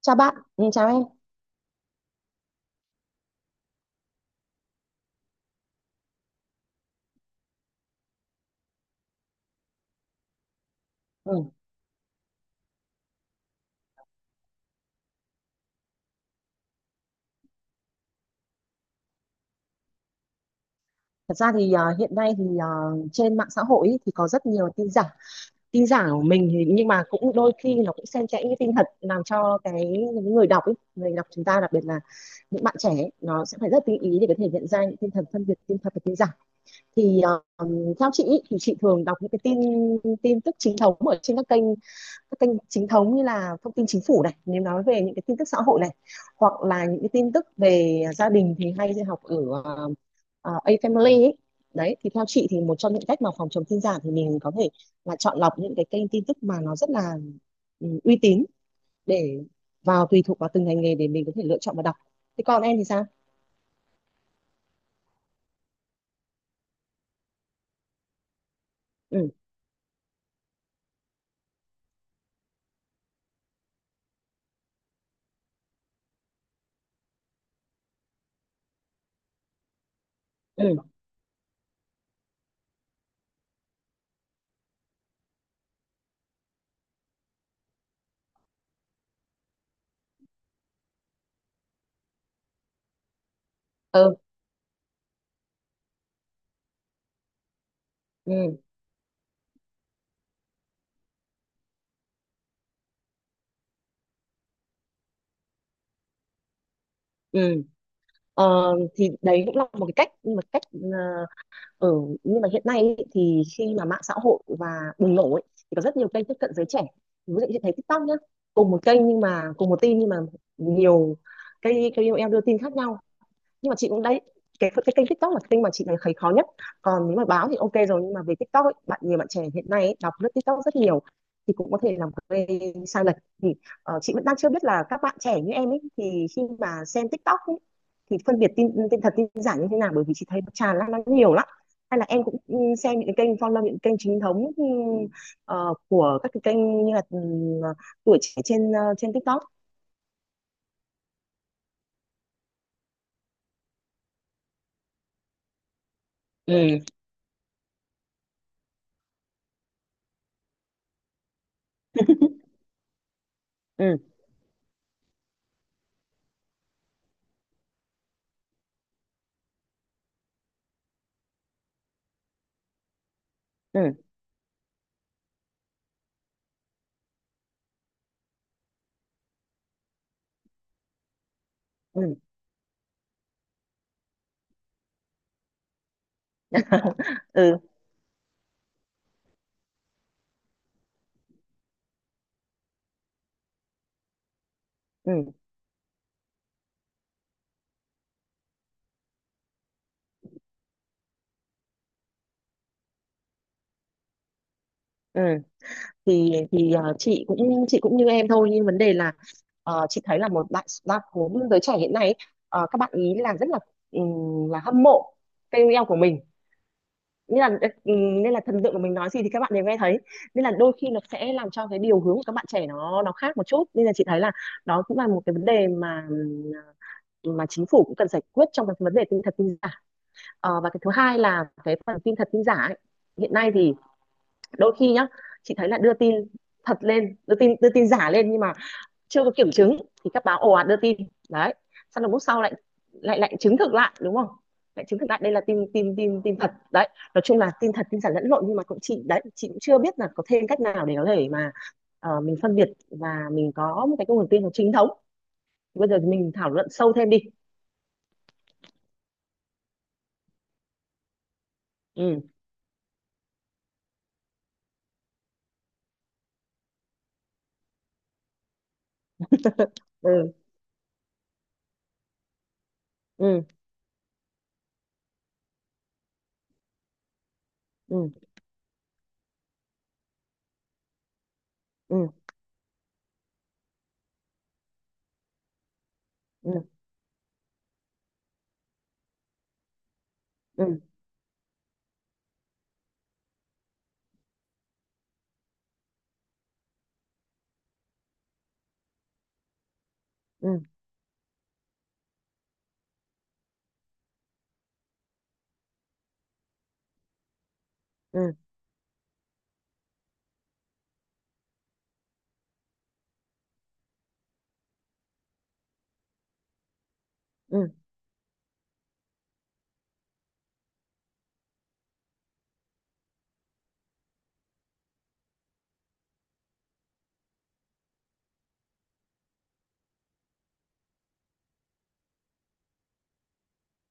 Chào bạn, chào em. Ừ. Thật ra thì hiện nay thì trên mạng xã hội ý, thì có rất nhiều tin giả của mình thì nhưng mà cũng đôi khi nó cũng xen kẽ những tin thật làm cho cái những người đọc ý, người đọc chúng ta đặc biệt là những bạn trẻ ý, nó sẽ phải rất tinh ý để có thể nhận ra những tin thật, phân biệt tin thật và tin giả. Thì à, Theo chị ý, thì chị thường đọc những cái tin tin tức chính thống ở trên các kênh chính thống như là thông tin chính phủ này nếu nói về những cái tin tức xã hội này hoặc là những cái tin tức về gia đình thì hay học ở A Family ấy. Đấy thì theo chị thì một trong những cách mà phòng chống tin giả thì mình có thể là chọn lọc những cái kênh tin tức mà nó rất là uy tín để vào tùy thuộc vào từng ngành nghề để mình có thể lựa chọn và đọc. Thế còn em thì sao? Ừ, ừ, ừ, ừ. Ừ. Ờ, thì đấy cũng là một cách ờ, ừ, nhưng mà hiện nay ý, thì khi mà mạng xã hội và bùng nổ ấy, thì có rất nhiều kênh tiếp cận giới trẻ ví dụ như thấy TikTok nhá, cùng một kênh nhưng mà cùng một tin nhưng mà nhiều cái KOL đưa tin khác nhau, nhưng mà chị cũng đấy, cái kênh TikTok là kênh mà chị thấy khó nhất, còn nếu mà báo thì ok rồi nhưng mà về TikTok ấy, bạn nhiều bạn trẻ hiện nay ấy, đọc lướt TikTok rất nhiều thì cũng có thể làm gây sai lệch. Thì chị vẫn đang chưa biết là các bạn trẻ như em ấy thì khi mà xem TikTok ấy, thì phân biệt tin tin thật tin giả như thế nào bởi vì chị thấy nó tràn lan nó nhiều lắm, hay là em cũng xem những cái kênh follow những kênh chính thống, của các cái kênh như là ờ, tuổi trẻ trên trên TikTok. Ừ, ừ, ừ, ừ, ừ, ừ. Chị cũng chị cũng như em thôi, nhưng vấn đề là chị thấy là một đại đa số giới trẻ hiện nay ấy, các bạn ý là rất là hâm mộ KOL của mình, nên là nên là thần tượng của mình nói gì thì các bạn đều nghe thấy, nên là đôi khi nó sẽ làm cho cái điều hướng của các bạn trẻ nó khác một chút, nên là chị thấy là đó cũng là một cái vấn đề mà chính phủ cũng cần giải quyết trong cái vấn đề tin thật tin giả. Ờ, và cái thứ hai là cái phần tin thật tin giả ấy, hiện nay thì đôi khi nhá, chị thấy là đưa tin thật lên, đưa tin giả lên nhưng mà chưa có kiểm chứng thì các báo ồ ạt đưa tin đấy, xong rồi lúc sau lại lại lại chứng thực lại đúng không, lại chứng thực lại đây là tin tin tin tin thật đấy. Nói chung là tin thật tin giả lẫn lộn nhưng mà cũng chị đấy chị cũng chưa biết là có thêm cách nào để có thể mà mình phân biệt và mình có một cái nguồn tin nó chính thống. Bây giờ mình thảo luận sâu thêm đi. Ừ. Ừ, ừ, ừ, ừ, ừ, ừ, ừ, ừ, ừ,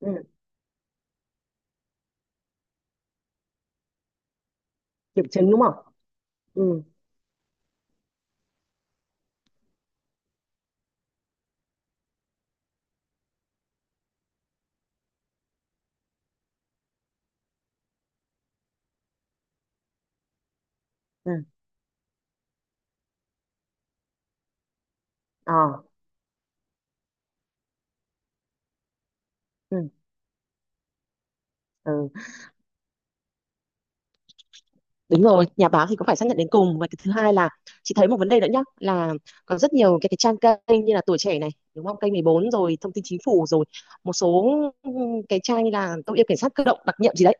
ừ. Kiểm chứng đúng không. Ừ, ừ. Ờ, ừ, ừ, đúng rồi, nhà báo thì cũng phải xác nhận đến cùng. Và cái thứ hai là chị thấy một vấn đề nữa nhá, là có rất nhiều cái trang kênh như là Tuổi Trẻ này đúng không, kênh 14 rồi thông tin chính phủ rồi một số ừ, cái trang như là tôi yêu cảnh sát cơ động đặc nhiệm gì đấy.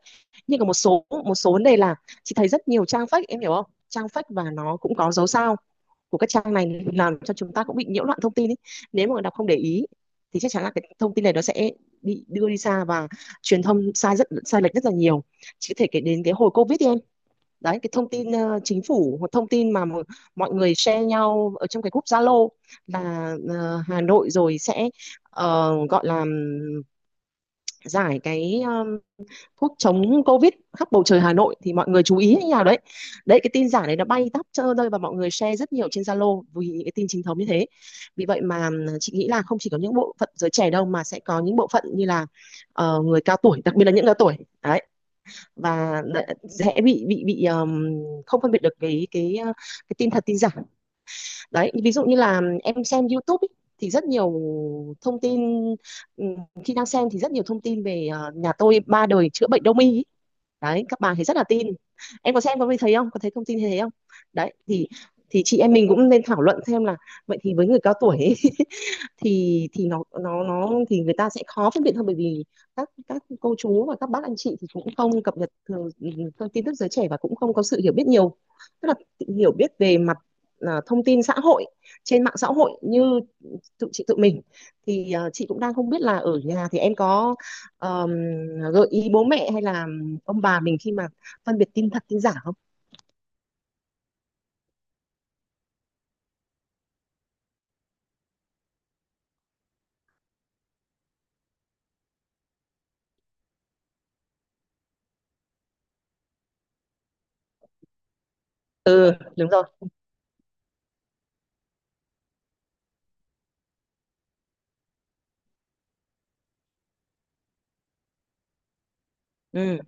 Nhưng còn một số vấn đề là chị thấy rất nhiều trang fake, em hiểu không, trang fake và nó cũng có dấu sao của các trang này làm cho chúng ta cũng bị nhiễu loạn thông tin ấy. Nếu mà đọc không để ý thì chắc chắn là cái thông tin này nó sẽ bị đưa đi xa và truyền thông sai rất sai lệch rất là nhiều. Chỉ có thể kể đến cái hồi covid đi em, đấy cái thông tin chính phủ, một thông tin mà mọi người share nhau ở trong cái group Zalo là Hà Nội rồi sẽ gọi là giải cái thuốc chống Covid khắp bầu trời Hà Nội thì mọi người chú ý như nào đấy. Đấy cái tin giả này nó bay tắp trơ rơi và mọi người share rất nhiều trên Zalo vì những cái tin chính thống như thế. Vì vậy mà chị nghĩ là không chỉ có những bộ phận giới trẻ đâu mà sẽ có những bộ phận như là người cao tuổi, đặc biệt là những cao tuổi. Đấy, và dễ bị không phân biệt được cái cái tin thật tin giả. Đấy, ví dụ như là em xem YouTube ý, thì rất nhiều thông tin khi đang xem, thì rất nhiều thông tin về nhà tôi ba đời chữa bệnh đông y ý, đấy các bà thì rất là tin. Em có xem có thấy không, có thấy thông tin như thế không? Đấy thì chị em mình cũng nên thảo luận thêm là vậy thì với người cao tuổi ấy, thì nó thì người ta sẽ khó phân biệt hơn bởi vì các cô chú và các bác anh chị thì cũng không cập nhật thường thông tin tức giới trẻ, và cũng không có sự hiểu biết nhiều, tức là hiểu biết về mặt thông tin xã hội trên mạng xã hội như tự chị tự mình. Thì chị cũng đang không biết là ở nhà thì em có ờm, gợi ý bố mẹ hay là ông bà mình khi mà phân biệt tin thật tin giả không. Ừ, đúng rồi. Ừ,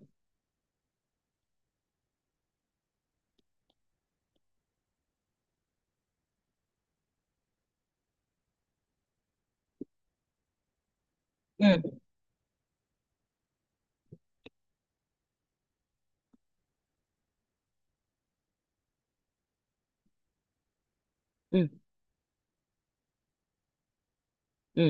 ừ, ừ, ừ,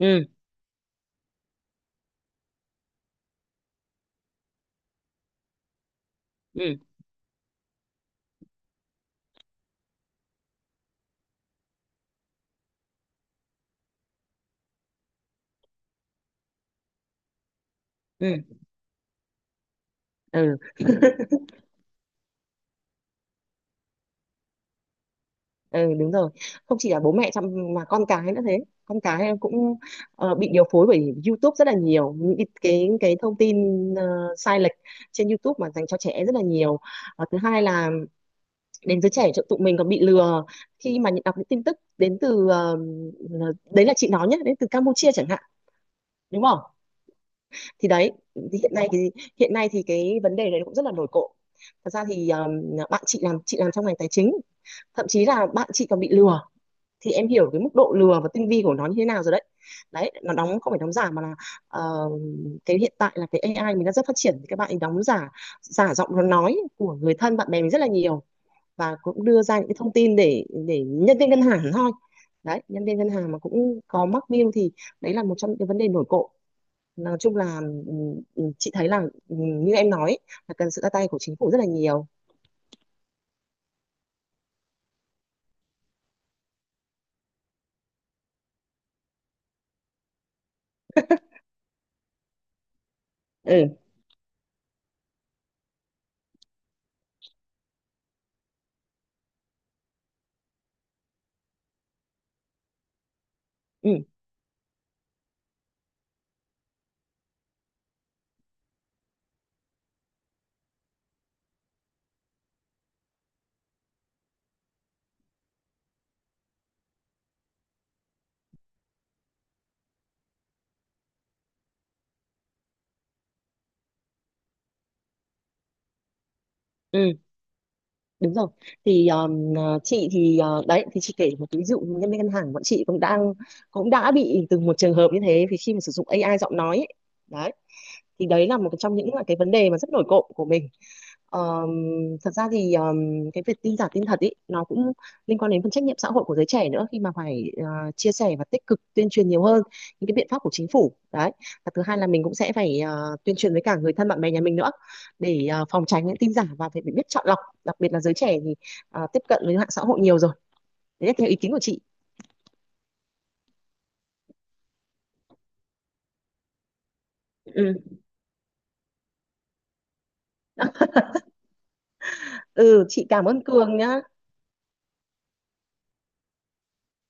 ừ, ừ, ừ, ừ. Ừ, đúng rồi, không chỉ là bố mẹ chăm mà con cái nữa thế, con cái em cũng bị điều phối bởi YouTube rất là nhiều những cái thông tin ờ, sai lệch trên YouTube mà dành cho trẻ rất là nhiều. Ờ, thứ hai là đến giới trẻ chỗ tụi mình còn bị lừa khi mà nhận đọc những tin tức đến từ đấy là chị nói nhé, đến từ Campuchia chẳng hạn, đúng không. Thì đấy thì hiện nay thì hiện nay thì cái vấn đề này cũng rất là nổi cộm. Thật ra thì bạn chị làm trong ngành tài chính, thậm chí là bạn chị còn bị lừa, thì em hiểu cái mức độ lừa và tinh vi của nó như thế nào rồi đấy. Đấy nó đóng, không phải đóng giả mà là ờ, cái hiện tại là cái AI mình đã rất phát triển thì các bạn ấy đóng giả giả giọng nó nói của người thân bạn bè mình rất là nhiều, và cũng đưa ra những cái thông tin để nhân viên ngân hàng thôi. Đấy nhân viên ngân hàng mà cũng có mắc mưu thì đấy là một trong những cái vấn đề nổi cộ. Nói chung là ừ, chị thấy là, ừ, như em nói ấy, là cần sự ra tay của chính phủ rất là nhiều. Ừ, ừ, ừ, đúng rồi. Chị thì đấy thì chị kể một cái ví dụ, nhân viên ngân hàng bọn chị cũng đang cũng đã bị từ một trường hợp như thế vì khi mà sử dụng AI giọng nói ấy, đấy. Thì đấy là một trong những là cái vấn đề mà rất nổi cộm của mình. Ờm, Thật ra thì cái việc tin giả tin thật ý nó cũng liên quan đến phần trách nhiệm xã hội của giới trẻ nữa, khi mà phải chia sẻ và tích cực tuyên truyền nhiều hơn những cái biện pháp của chính phủ đấy. Và thứ hai là mình cũng sẽ phải tuyên truyền với cả người thân bạn bè nhà mình nữa, để phòng tránh những tin giả và phải biết chọn lọc, đặc biệt là giới trẻ thì tiếp cận với mạng xã hội nhiều rồi. Đấy là theo ý kiến của chị. Ừ, ừ, chị cảm ơn Cường nhá.